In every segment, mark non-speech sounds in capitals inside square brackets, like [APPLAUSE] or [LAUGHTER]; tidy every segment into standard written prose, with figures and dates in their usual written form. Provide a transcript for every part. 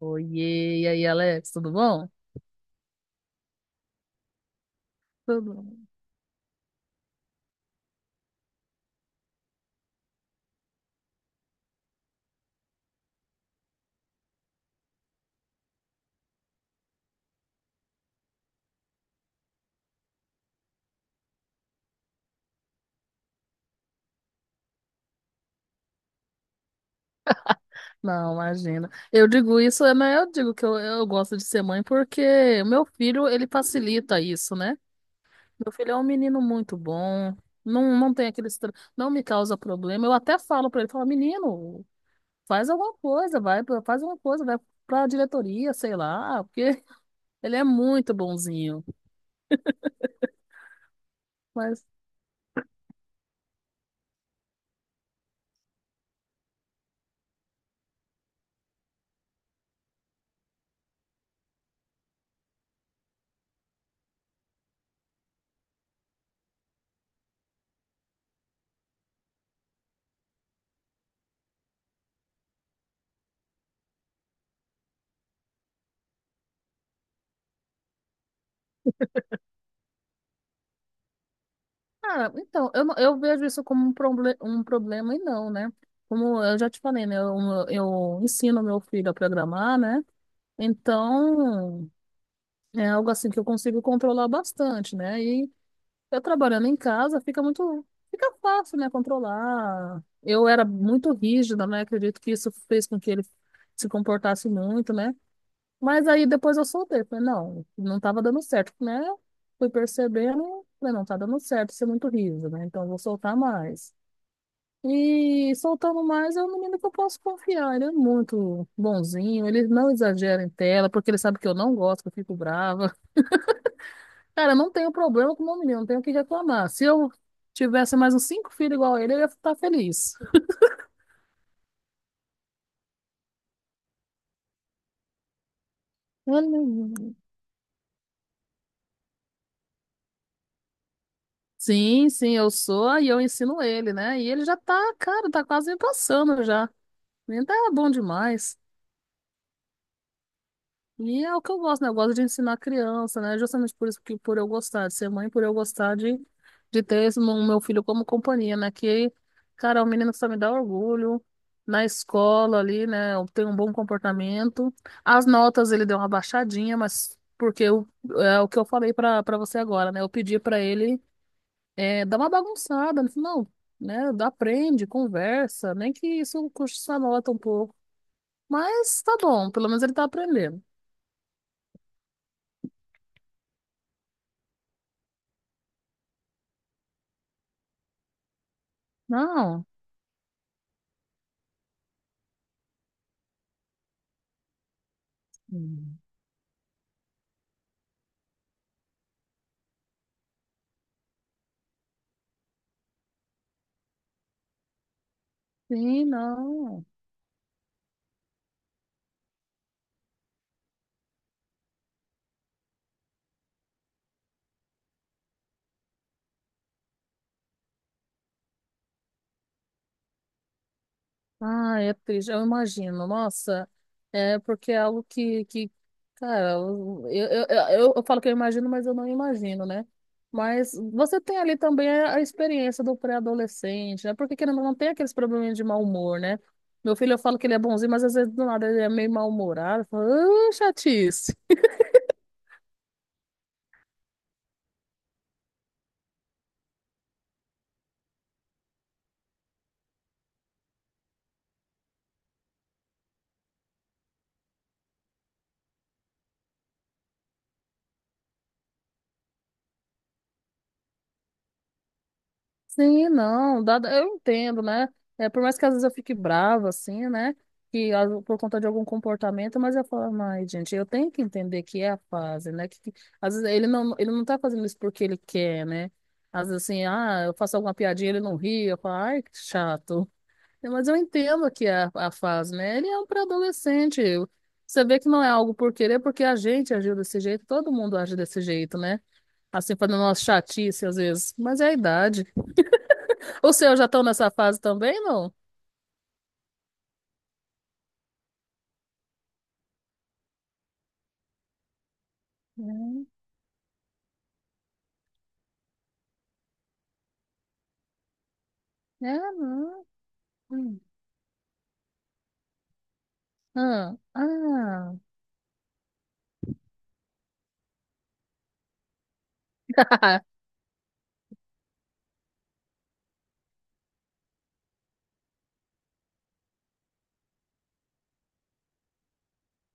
Oiê, e aí, Alex, tudo bom? Tudo bom. Não, imagina. Eu digo isso, é, mas eu digo que eu gosto de ser mãe porque o meu filho, ele facilita isso, né? Meu filho é um menino muito bom, não tem aquele. Não me causa problema. Eu até falo pra ele, falo, menino, faz alguma coisa, vai, faz alguma coisa, vai pra diretoria, sei lá, porque [LAUGHS] ele é muito bonzinho. Mas, ah, então, eu, não- eu vejo isso como um, proble um problema e não, né? Como eu já te falei, né? Eu ensino meu filho a programar, né? Então, é algo assim que eu consigo controlar bastante, né? E eu trabalhando em casa fica fácil, né? Controlar. Eu era muito rígida, né? Acredito que isso fez com que ele se comportasse muito, né? Mas aí depois eu soltei. Falei, não, não tava dando certo, né? Fui percebendo, falei, não tá dando certo, isso é muito riso, né? Então eu vou soltar mais. E soltando mais é um menino que eu posso confiar. Ele é muito bonzinho, ele não exagera em tela, porque ele sabe que eu não gosto, que eu fico brava. [LAUGHS] Cara, eu não tenho problema com o meu menino, não tenho o que reclamar. Se eu tivesse mais uns cinco filhos igual a ele, eu ia estar feliz. Olha. Sim, sim, eu sou e eu ensino ele, né? E ele já tá, cara, tá quase me passando já. Ainda tá bom demais. E é o que eu gosto, né? Eu gosto de ensinar criança, né? Justamente por isso que por eu gostar de ser mãe, por eu gostar de ter esse, o meu filho como companhia, né? Que, cara, é um menino que só me dá orgulho. Na escola ali, né? Tem um bom comportamento. As notas ele deu uma baixadinha, mas porque é o que eu falei pra você agora, né? Eu pedi pra ele dar uma bagunçada. Ele falou, não, né? Aprende, conversa, nem que isso custe sua nota um pouco. Mas tá bom, pelo menos ele tá aprendendo. Não. Hum. Sim, não. Ah, é triste, eu imagino. Nossa, é porque é algo que cara, eu falo que eu imagino, mas eu não imagino, né? Mas você tem ali também a experiência do pré-adolescente, né? Porque querendo ou não, tem aqueles probleminhas de mau humor, né? Meu filho, eu falo que ele é bonzinho, mas às vezes do nada ele é meio mal-humorado. Eu falo, "Ah, chatice." Sim, não, dada, eu entendo, né? É, por mais que às vezes eu fique brava, assim, né? Que por conta de algum comportamento, mas eu falo, ai, gente, eu tenho que entender que é a fase, né? Às vezes ele não tá fazendo isso porque ele quer, né? Às vezes assim, ah, eu faço alguma piadinha, ele não ri, eu falo, ai, que chato. Mas eu entendo que é a fase, né? Ele é um pré-adolescente. Você vê que não é algo por querer, porque a gente agiu desse jeito, todo mundo age desse jeito, né? Assim, fazendo umas chatice às vezes, mas é a idade. Os seus já estão nessa fase também, não? Hum. Ah, não. Hum. Ah, ah. [LAUGHS]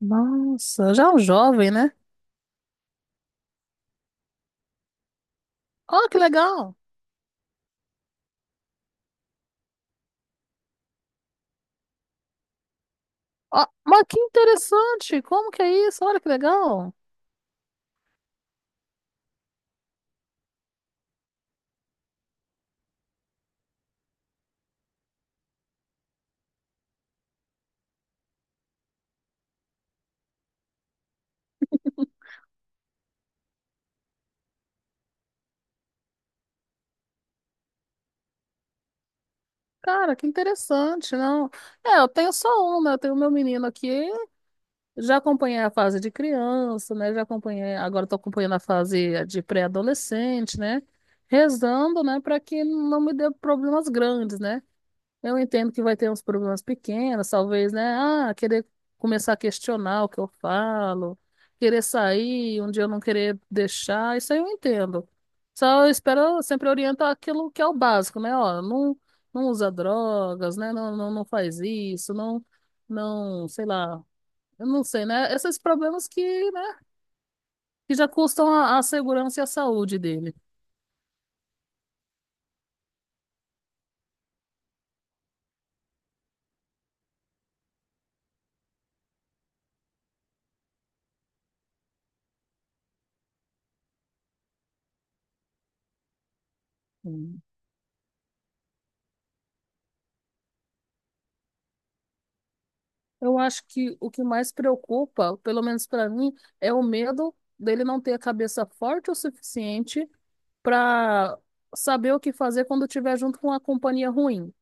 nossa, já é um jovem, né? Olha que legal. Ó, mas que interessante. Como que é isso? Olha que legal. Cara, que interessante, não? É, eu tenho só um, né? Eu tenho meu menino aqui. Já acompanhei a fase de criança, né? Já acompanhei. Agora estou acompanhando a fase de pré-adolescente, né? Rezando, né? Para que não me dê problemas grandes, né? Eu entendo que vai ter uns problemas pequenos, talvez, né? Ah, querer começar a questionar o que eu falo, querer sair, um dia eu não querer deixar, isso aí eu entendo. Só eu espero eu sempre orientar aquilo que é o básico, né? Ó, não, não usa drogas, né? Não, não, não faz isso, não, não, sei lá, eu não sei, né? Esses problemas que, né, que já custam a segurança e a saúde dele. Eu acho que o que mais preocupa, pelo menos para mim, é o medo dele não ter a cabeça forte o suficiente para saber o que fazer quando estiver junto com uma companhia ruim.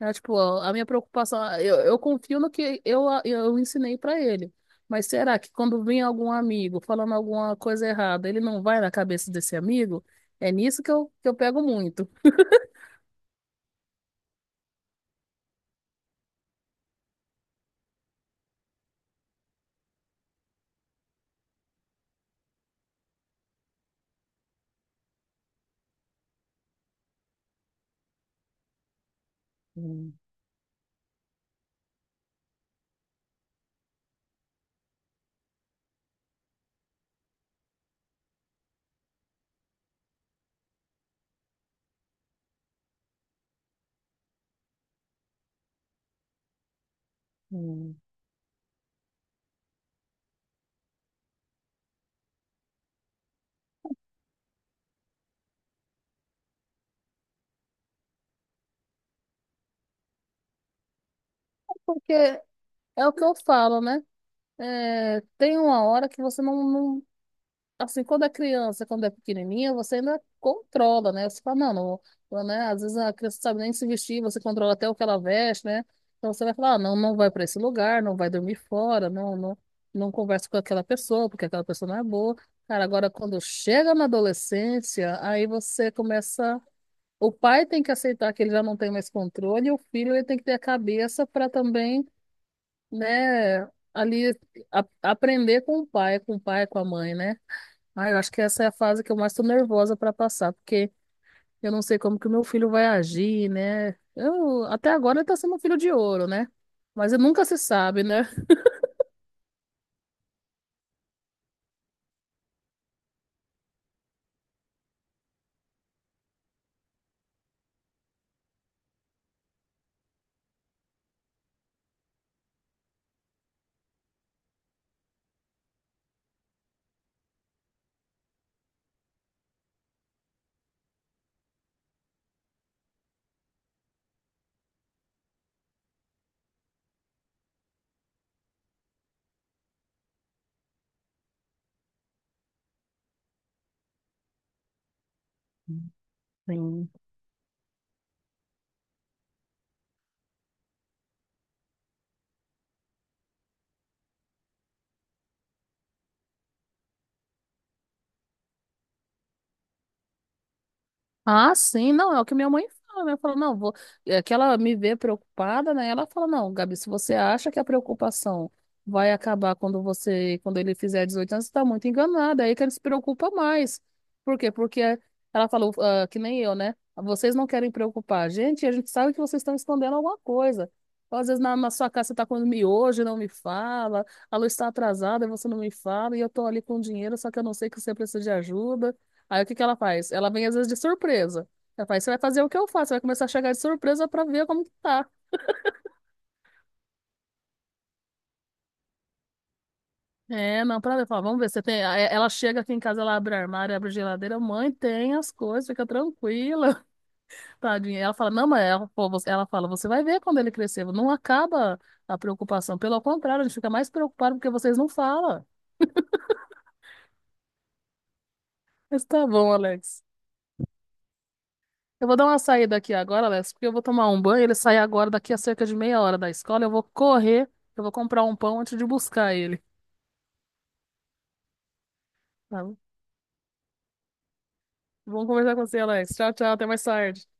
É, tipo, a minha preocupação, eu confio no que eu ensinei para ele. Mas será que quando vem algum amigo falando alguma coisa errada, ele não vai na cabeça desse amigo? É nisso que eu pego muito. Hum, hum. Porque é o que eu falo, né? É, tem uma hora que você não assim, quando é criança, quando é pequenininha, você ainda controla, né? Você fala, não, não, né? Às vezes a criança não sabe nem se vestir, você controla até o que ela veste, né? Então você vai falar, ah, não, não vai para esse lugar, não vai dormir fora, não, não, não conversa com aquela pessoa, porque aquela pessoa não é boa. Cara, agora quando chega na adolescência, aí você começa. O pai tem que aceitar que ele já não tem mais controle, e o filho ele tem que ter a cabeça para também, né, ali aprender com o pai, com a mãe, né? Ah, eu acho que essa é a fase que eu mais tô nervosa para passar, porque eu não sei como que o meu filho vai agir, né? Até agora ele tá sendo um filho de ouro, né? Mas nunca se sabe, né? Sim. Ah, sim, não, é o que minha mãe fala, né? Fala, não, vou. É que ela me vê preocupada, né? Ela fala, não, Gabi, se você acha que a preocupação vai acabar quando ele fizer 18 anos, você tá muito enganada. É aí que ele se preocupa mais. Por quê? Porque ela falou, ah, que nem eu, né? Vocês não querem preocupar. E a gente sabe que vocês estão escondendo alguma coisa. Então, às vezes na sua casa você tá comendo miojo e não me fala, a luz está atrasada e você não me fala, e eu tô ali com dinheiro, só que eu não sei que você precisa de ajuda. Aí o que que ela faz? Ela vem às vezes de surpresa. Ela faz, você vai fazer o que eu faço, você vai começar a chegar de surpresa pra ver como que tá. É, não, pra ver, fala, vamos ver, você tem. Aí ela chega aqui em casa, ela abre o armário, abre a geladeira, mãe, tem as coisas, fica tranquila, [LAUGHS] tadinha. Ela fala, não, mas ela, pô, ela fala, você vai ver quando ele crescer, não acaba a preocupação. Pelo contrário, a gente fica mais preocupado porque vocês não falam. Mas tá bom, Alex. Eu vou dar uma saída aqui agora, Alex, porque eu vou tomar um banho. Ele sai agora, daqui a cerca de meia hora da escola. Eu vou correr, eu vou comprar um pão antes de buscar ele. Tá bom. Vamos conversar com você, Alex. Tchau, tchau. Até mais tarde.